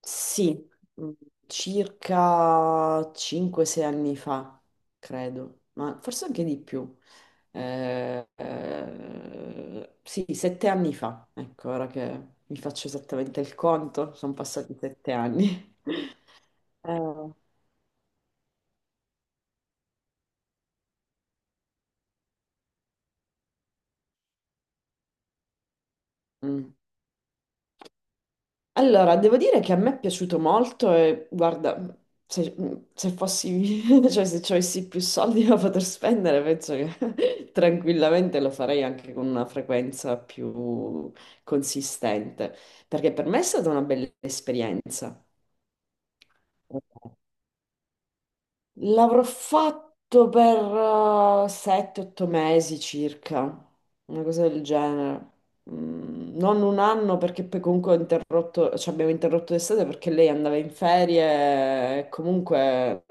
Sì, mm, circa 5-6 anni fa, credo, ma forse anche di più. Sì, 7 anni fa, ecco, ora che mi faccio esattamente il conto, sono passati 7 anni. Eh, mm. Allora, devo dire che a me è piaciuto molto e guarda, se, se fossi, cioè se avessi più soldi da poter spendere, penso che tranquillamente lo farei anche con una frequenza più consistente, perché per me è stata una bella esperienza. L'avrò fatto per 7-8 mesi circa, una cosa del genere. Mm, Non un anno perché poi comunque ho interrotto, cioè abbiamo interrotto l'estate perché lei andava in ferie e comunque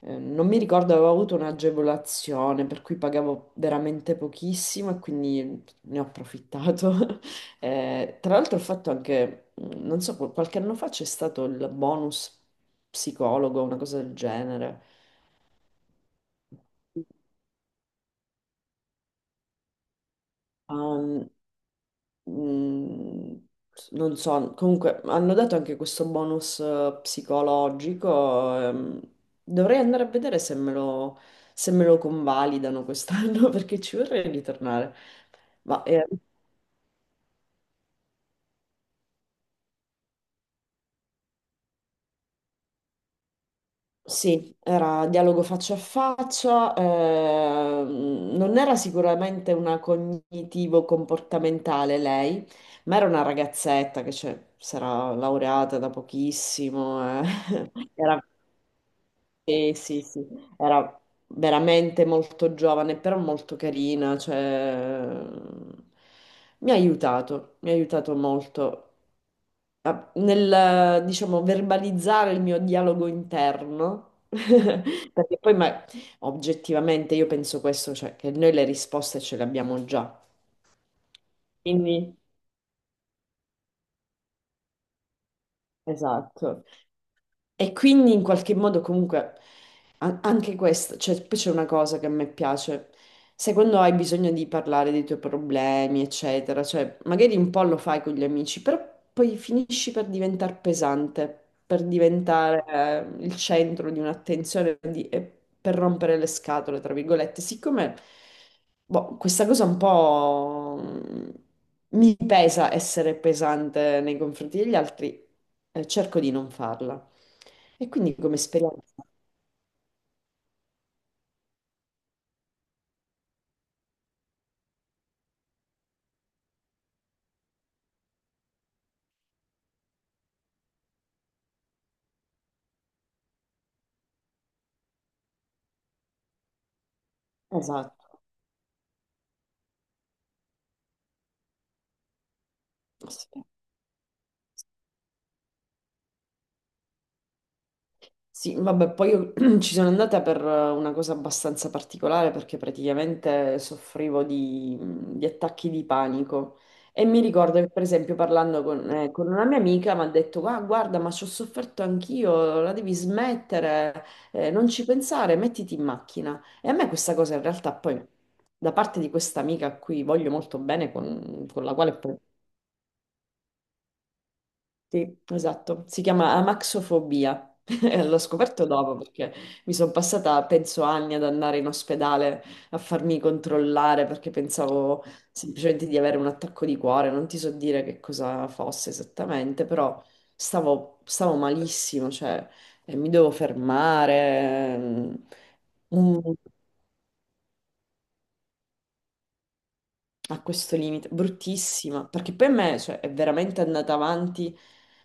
non mi ricordo, avevo avuto un'agevolazione per cui pagavo veramente pochissimo e quindi ne ho approfittato. Tra l'altro ho fatto anche, non so, qualche anno fa c'è stato il bonus psicologo, una cosa del genere. Um, mm, non so, comunque hanno dato anche questo bonus psicologico. Dovrei andare a vedere se me lo, se me lo convalidano quest'anno perché ci vorrei ritornare. Ma, eh, Sì, era dialogo faccia a faccia, non era sicuramente una cognitivo-comportamentale lei, ma era una ragazzetta che cioè, si era laureata da pochissimo, Era, sì, sì, era veramente molto giovane, però molto carina, cioè, mi ha aiutato molto nel, diciamo, verbalizzare il mio dialogo interno. Perché poi, ma oggettivamente, io penso questo, cioè che noi le risposte ce le abbiamo già. Quindi esatto. E quindi in qualche modo comunque anche questo, cioè poi c'è una cosa che a me piace, se quando hai bisogno di parlare dei tuoi problemi, eccetera, cioè magari un po' lo fai con gli amici, però poi finisci per diventare pesante, per diventare il centro di un'attenzione e per rompere le scatole, tra virgolette, siccome boh, questa cosa un po' mi pesa essere pesante nei confronti degli altri, cerco di non farla. E quindi come esperienza, esatto, sì. Sì, vabbè, poi io ci sono andata per una cosa abbastanza particolare perché praticamente soffrivo di attacchi di panico e mi ricordo che per esempio parlando con una mia amica mi ha detto "Ah, guarda, ma ci ho sofferto anch'io, la devi smettere, non ci pensare, mettiti in macchina." E a me questa cosa in realtà poi da parte di questa amica a cui voglio molto bene, con la quale poi sì, esatto, si chiama amaxofobia. E l'ho scoperto dopo perché mi sono passata, penso, anni ad andare in ospedale a farmi controllare perché pensavo semplicemente di avere un attacco di cuore, non ti so dire che cosa fosse esattamente, però stavo, stavo malissimo, cioè mi devo fermare. Un- A questo limite, bruttissima, perché poi a me, cioè, è veramente andata avanti,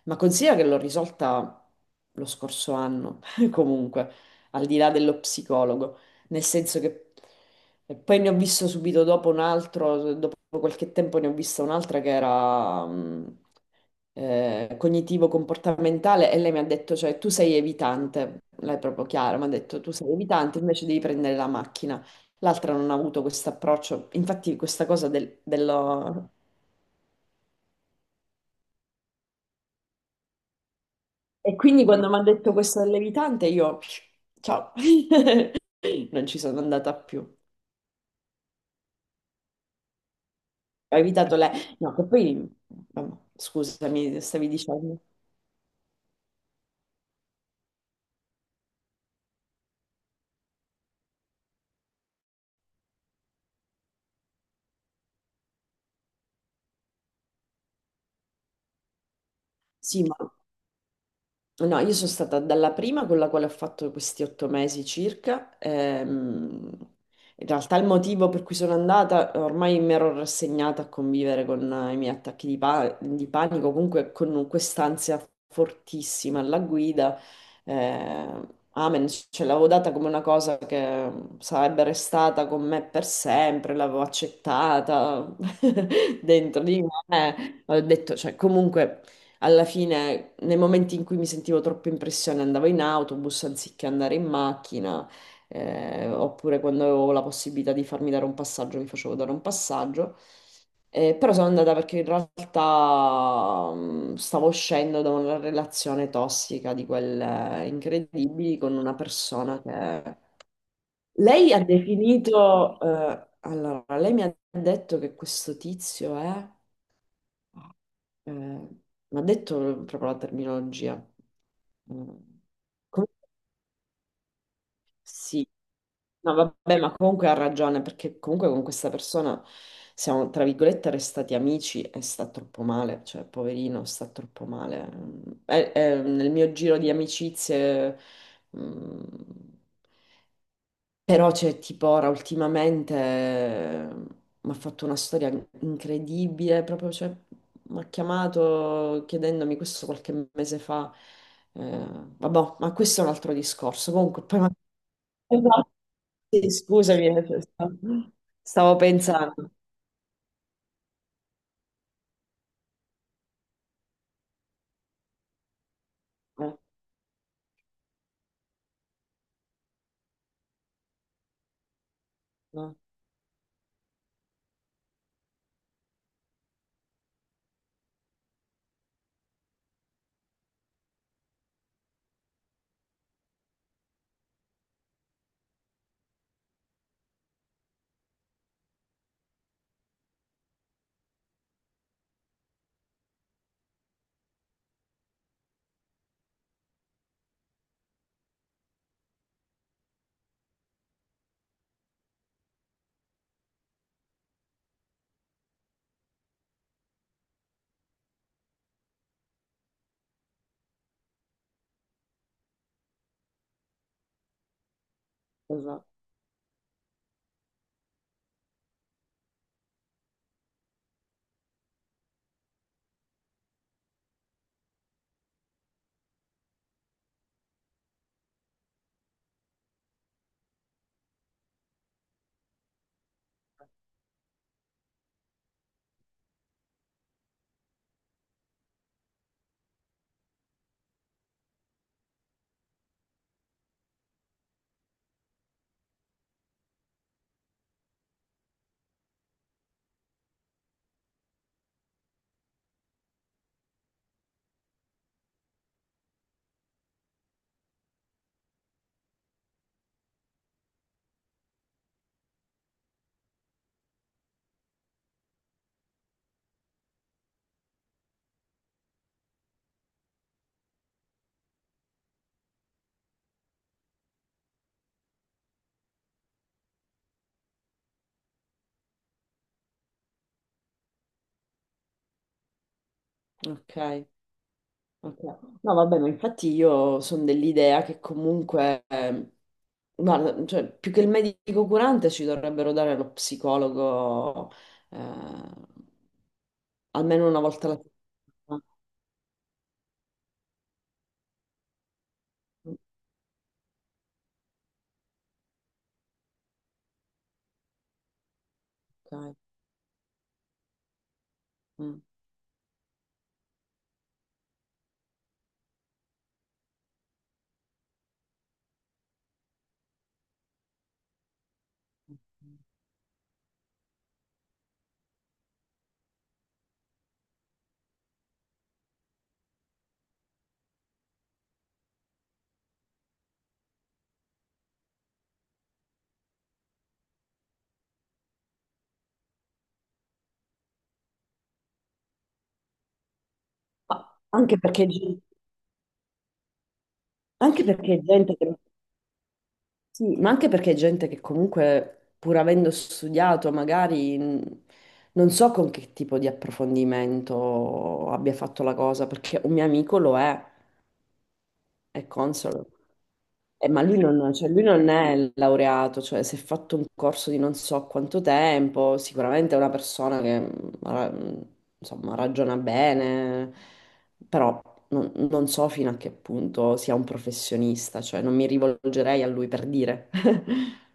ma considera che l'ho risolta lo scorso anno, comunque, al di là dello psicologo, nel senso che e poi ne ho visto subito dopo un altro, dopo qualche tempo ne ho vista un'altra che era, cognitivo-comportamentale e lei mi ha detto, cioè, tu sei evitante, lei è proprio chiara, mi ha detto, tu sei evitante, invece devi prendere la macchina. L'altra non ha avuto questo approccio, infatti questa cosa del, dello... E quindi quando mi ha detto questo dell'evitante, io, ciao, non ci sono andata più. Ho evitato lei. No, che poi, vabbè, scusami, stavi dicendo. Sì, ma... No, io sono stata dalla prima con la quale ho fatto questi 8 mesi circa. In realtà il motivo per cui sono andata, ormai mi ero rassegnata a convivere con i miei attacchi di, di panico, comunque con quest'ansia fortissima alla guida. eh, Amen, ce l'avevo data come una cosa che sarebbe restata con me per sempre, l'avevo accettata dentro di me. Ho detto, cioè, comunque. Alla fine, nei momenti in cui mi sentivo troppo in pressione, andavo in autobus anziché andare in macchina, oppure quando avevo la possibilità di farmi dare un passaggio, mi facevo dare un passaggio. Però sono andata perché in realtà stavo uscendo da una relazione tossica di quelle incredibili con una persona che... Lei ha definito... Allora, lei mi ha detto che questo tizio è... Mi ha detto proprio la terminologia. Mm. Com- Sì, no, vabbè, ma comunque ha ragione perché comunque con questa persona siamo, tra virgolette, restati amici e sta troppo male, cioè, poverino, sta troppo male. Mm. Nel mio giro di amicizie, mm, però c'è tipo ora ultimamente mi ha fatto una storia incredibile, proprio cioè, mi ha chiamato chiedendomi questo qualche mese fa. Eh, Vabbè, ma questo è un altro discorso. Comunque, poi esatto. Sì, scusami, cioè, stavo pensando. Eh, no, esatto. Ok. Ok. No, vabbè, ma infatti io sono dell'idea che comunque, guarda, cioè, più che il medico curante ci dovrebbero dare lo psicologo eh, almeno una volta alla settimana. Ok. Mm. Ma Anche perché, anche perché gente che, sì, ma anche perché gente che comunque, pur avendo studiato, magari non so con che tipo di approfondimento abbia fatto la cosa, perché un mio amico lo è. È console. Ma lui non, cioè, lui non è laureato, cioè si è fatto un corso di non so quanto tempo, sicuramente è una persona che insomma, ragiona bene, però non, non so fino a che punto sia un professionista, cioè non mi rivolgerei a lui per dire.